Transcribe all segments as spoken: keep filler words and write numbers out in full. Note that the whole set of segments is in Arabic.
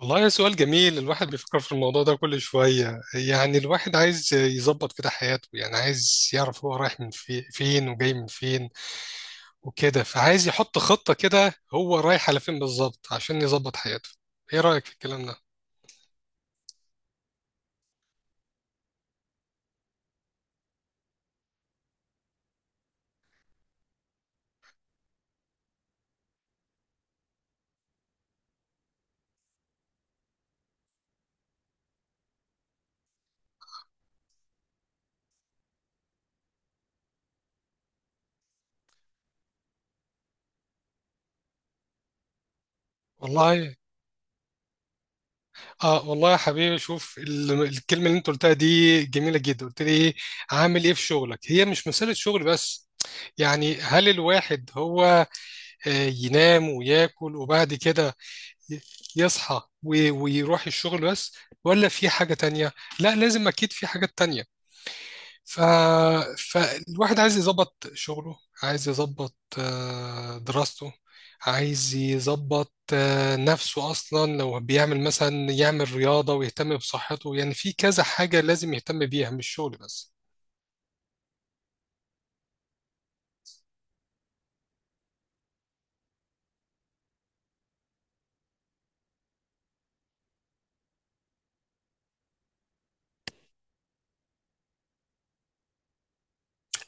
والله سؤال جميل. الواحد بيفكر في الموضوع ده كل شوية، يعني الواحد عايز يظبط كده حياته، يعني عايز يعرف هو رايح من في فين وجاي من فين وكده، فعايز يحط خطة كده هو رايح على فين بالظبط عشان يظبط حياته. ايه رأيك في الكلام ده؟ والله اه، والله يا حبيبي، شوف ال- الكلمة اللي انت قلتها دي جميلة جدا. قلت لي ايه؟ عامل ايه في شغلك؟ هي مش مسألة شغل بس، يعني هل الواحد هو آه، ينام وياكل وبعد كده يصحى وي- ويروح الشغل بس، ولا في حاجة تانية؟ لا، لازم أكيد في حاجات تانية. ف... فالواحد عايز يظبط شغله، عايز يظبط آه، دراسته، عايز يظبط آه، نفسه أصلا، لو بيعمل مثلا يعمل رياضة ويهتم بصحته. يعني في كذا حاجة لازم يهتم بيها، مش شغل بس.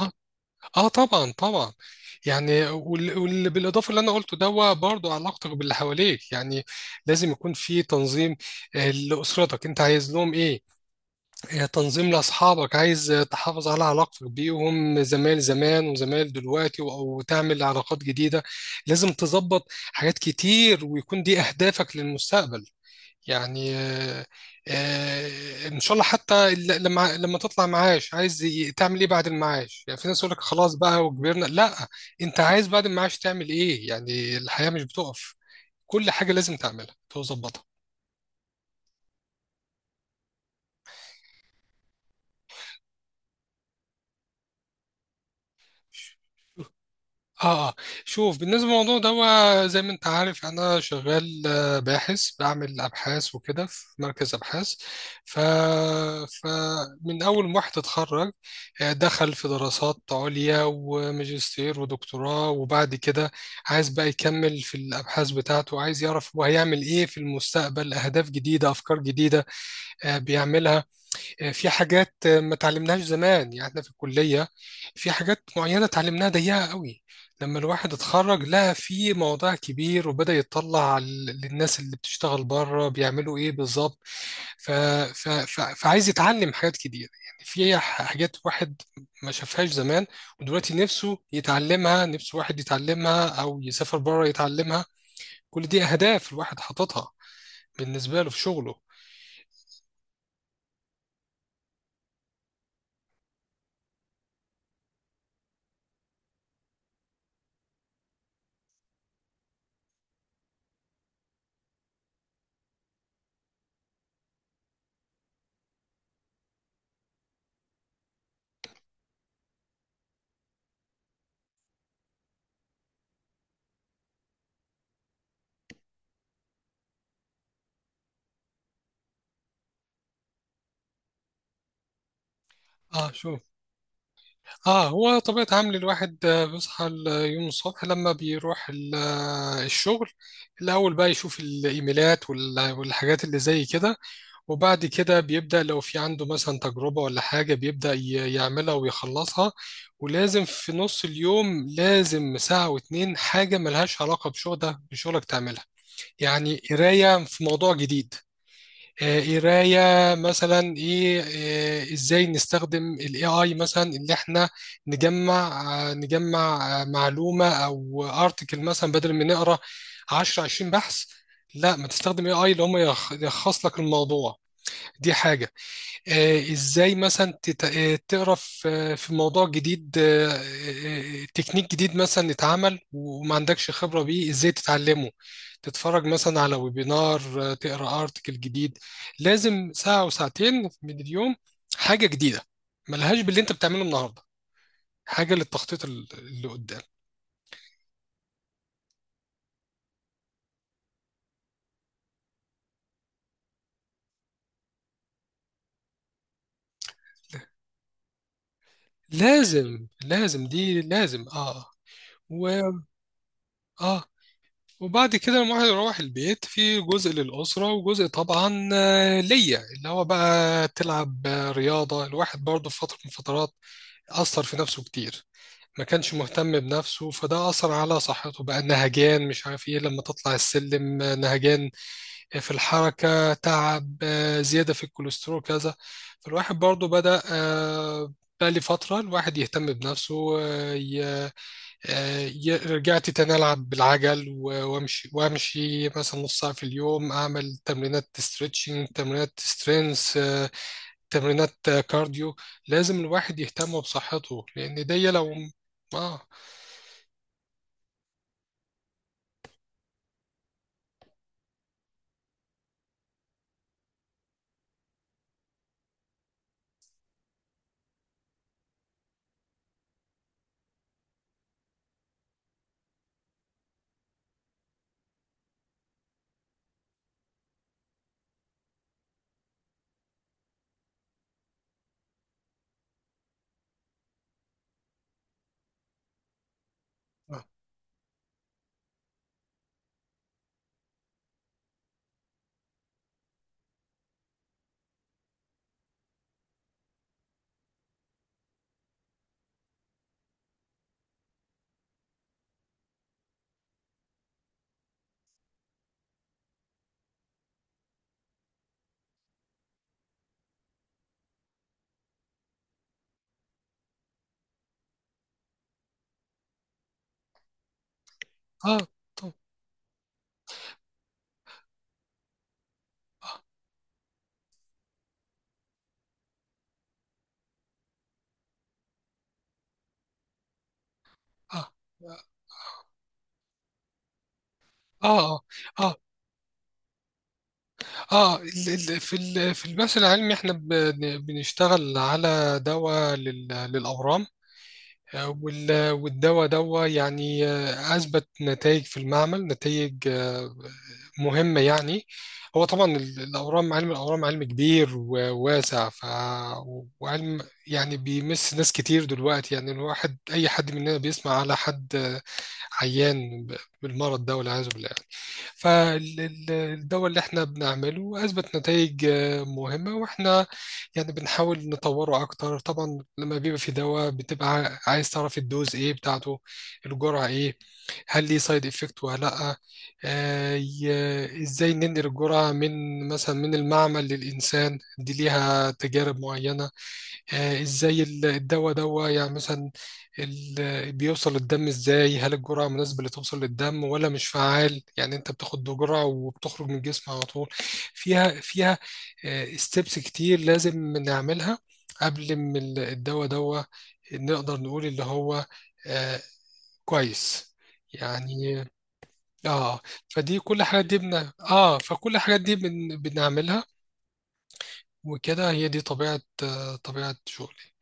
آه. اه، طبعا طبعا. يعني وال- واللي بالاضافه اللي انا قلته ده، هو برضه علاقتك باللي حواليك، يعني لازم يكون في تنظيم، آه، لاسرتك انت عايز لهم ايه، آه، تنظيم لاصحابك، عايز آه، تحافظ على علاقتك بيهم، زمايل زمان وزمايل دلوقتي و- او تعمل علاقات جديده. لازم تظبط حاجات كتير، ويكون دي اهدافك للمستقبل. يعني آه، آه، ان شاء الله حتى ال- لما لما تطلع معاش، عايز ي- تعمل ايه بعد المعاش؟ يعني في ناس يقول لك خلاص بقى وكبرنا. لا، انت عايز بعد المعاش تعمل ايه؟ يعني الحياة مش بتقف. كل حاجة لازم تعملها تظبطها. اه اه، شوف، بالنسبه للموضوع ده، هو زي ما انت عارف، يعني انا شغال آه، باحث، بعمل ابحاث وكده في مركز ابحاث. ف فمن اول ما واحد اتخرج، آه، دخل في دراسات عليا وماجستير ودكتوراه، وبعد كده عايز بقى يكمل في الابحاث بتاعته، عايز يعرف هو هيعمل ايه في المستقبل، اهداف جديده، افكار جديده، آه، بيعملها. آه، في حاجات ما اتعلمناهاش زمان، يعني احنا في الكلية في حاجات معينة اتعلمناها ضيقة قوي. لما الواحد اتخرج لقى في موضوع كبير، وبدأ يطلع ال- للناس اللي بتشتغل بره بيعملوا ايه بالظبط. ف... ف... ف... فعايز يتعلم حاجات كتير، يعني في ح- حاجات واحد ما شافهاش زمان، ودلوقتي نفسه يتعلمها، نفسه واحد يتعلمها او يسافر بره يتعلمها. كل دي اهداف الواحد حاططها بالنسبة له في شغله. اه، شوف، اه، هو طبيعة عمل الواحد، آه، بيصحى اليوم الصبح لما بيروح ال- آه، الشغل، الأول بقى يشوف الإيميلات وال- والحاجات اللي زي كده، وبعد كده بيبدأ لو في عنده مثلا تجربة ولا حاجة، بيبدأ ي- يعملها ويخلصها. ولازم في نص اليوم، لازم ساعة واتنين حاجة ملهاش علاقة بشغلك بشغلك تعملها. يعني قراية في موضوع جديد، آه، قرايه مثلا ايه. آه، ازاي نستخدم الاي اي مثلا، اللي احنا نجمع آه، نجمع آه، معلومه او ارتكل، مثلا بدل ما نقرا عشرة عشرين بحث، لا، ما تستخدم اي اي اللي هم يلخ- يلخص لك الموضوع. دي حاجه. آه، ازاي مثلا تت- آه، تقرا في آه، في موضوع جديد، آه، آه، آه، تكنيك جديد مثلا اتعمل وما عندكش خبرة بيه، ازاي تتعلمه. تتفرج مثلا على ويبينار، آه، تقرا ارتكل جديد. لازم ساعة وساعتين من اليوم حاجة جديدة ملهاش باللي انت بتعمله النهاردة، حاجة للتخطيط ال- اللي قدام. لازم لازم دي، لازم، اه. و اه، وبعد كده لما الواحد يروح البيت، في جزء للأسرة، وجزء طبعا آه، ليا، اللي هو بقى تلعب آه، رياضة. الواحد برضه في فترة من الفترات أثر في نفسه كتير، ما كانش مهتم بنفسه، فده أثر على صحته، بقى نهجان مش عارف إيه، لما تطلع السلم آه، نهجان، آه، في الحركة تعب، آه، زيادة في الكوليسترول كذا. فالواحد برضه بدأ آه، بقى لي فترة الواحد يهتم بنفسه، آه، ي- رجعت تاني ألعب بالعجل و- وأمشي وأمشي مثلا نص ساعة في اليوم، أعمل تمرينات ستريتشنج، تمرينات سترينث، تمرينات آه، كارديو. لازم الواحد يهتم بصحته، لأن دي لو آه. آه آه. طب، آه آه آه آه، آه، ال- ال- في ال- في البحث العلمي إحنا بن- بنشتغل على دواء لل- للأورام، وال- والدواء دوا، يعني آه، أثبت نتائج في المعمل، نتائج آه، مهمة يعني. هو طبعا ال- الأورام، علم الأورام علم كبير وواسع. ف... وعلم يعني بيمس ناس كتير دلوقتي، يعني الواحد، أي حد مننا بيسمع على حد آه، عيان ب- بالمرض ده والعياذ بالله. فالدواء اللي احنا بنعمله أثبت نتائج آه، مهمة، واحنا يعني بنحاول نطوره أكتر. طبعا لما بيبقى في دواء، بتبقى عايز تعرف الدوز إيه بتاعته، الجرعة إيه، هل ليه سايد إفكت ولا لأ، آه، ي- إزاي ننقل الجرعة من مثلا من المعمل للإنسان، دي ليها تجارب معينة. آه، ازاي ال- الدواء دوا، يعني مثلا ال- بيوصل الدم ازاي، هل الجرعة مناسبة اللي توصل للدم، ولا مش فعال، يعني انت بتاخد جرعة وبتخرج من الجسم على طول. فيها فيها ستيبس كتير لازم نعملها قبل ما ال- الدواء دوا نقدر نقول اللي هو آه، كويس يعني. اه، فدي كل حاجة دي بن... اه فكل الحاجات دي بن... بنعملها، وكده هي دي طبيعة آه، طبيعة شغلي.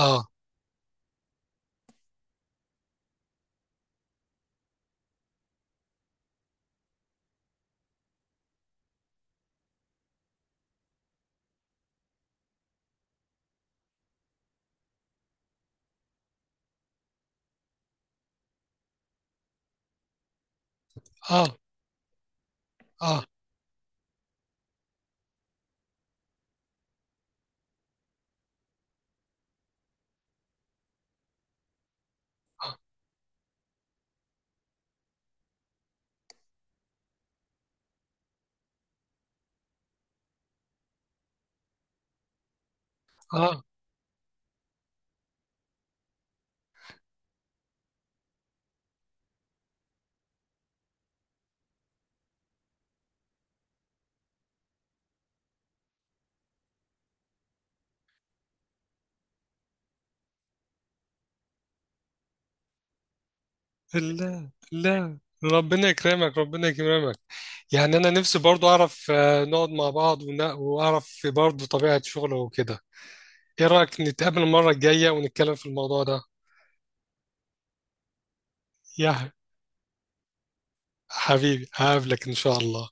اه اه اه اه. لا لا، ربنا يكرمك ربنا يكرمك. يعني انا نفسي برضو اعرف، آه، نقعد مع بعض ون- واعرف في برضو طبيعة شغله وكده. ايه رأيك نتقابل المرة الجاية ونتكلم في الموضوع ده؟ يا حبيبي، هقابلك ان شاء الله.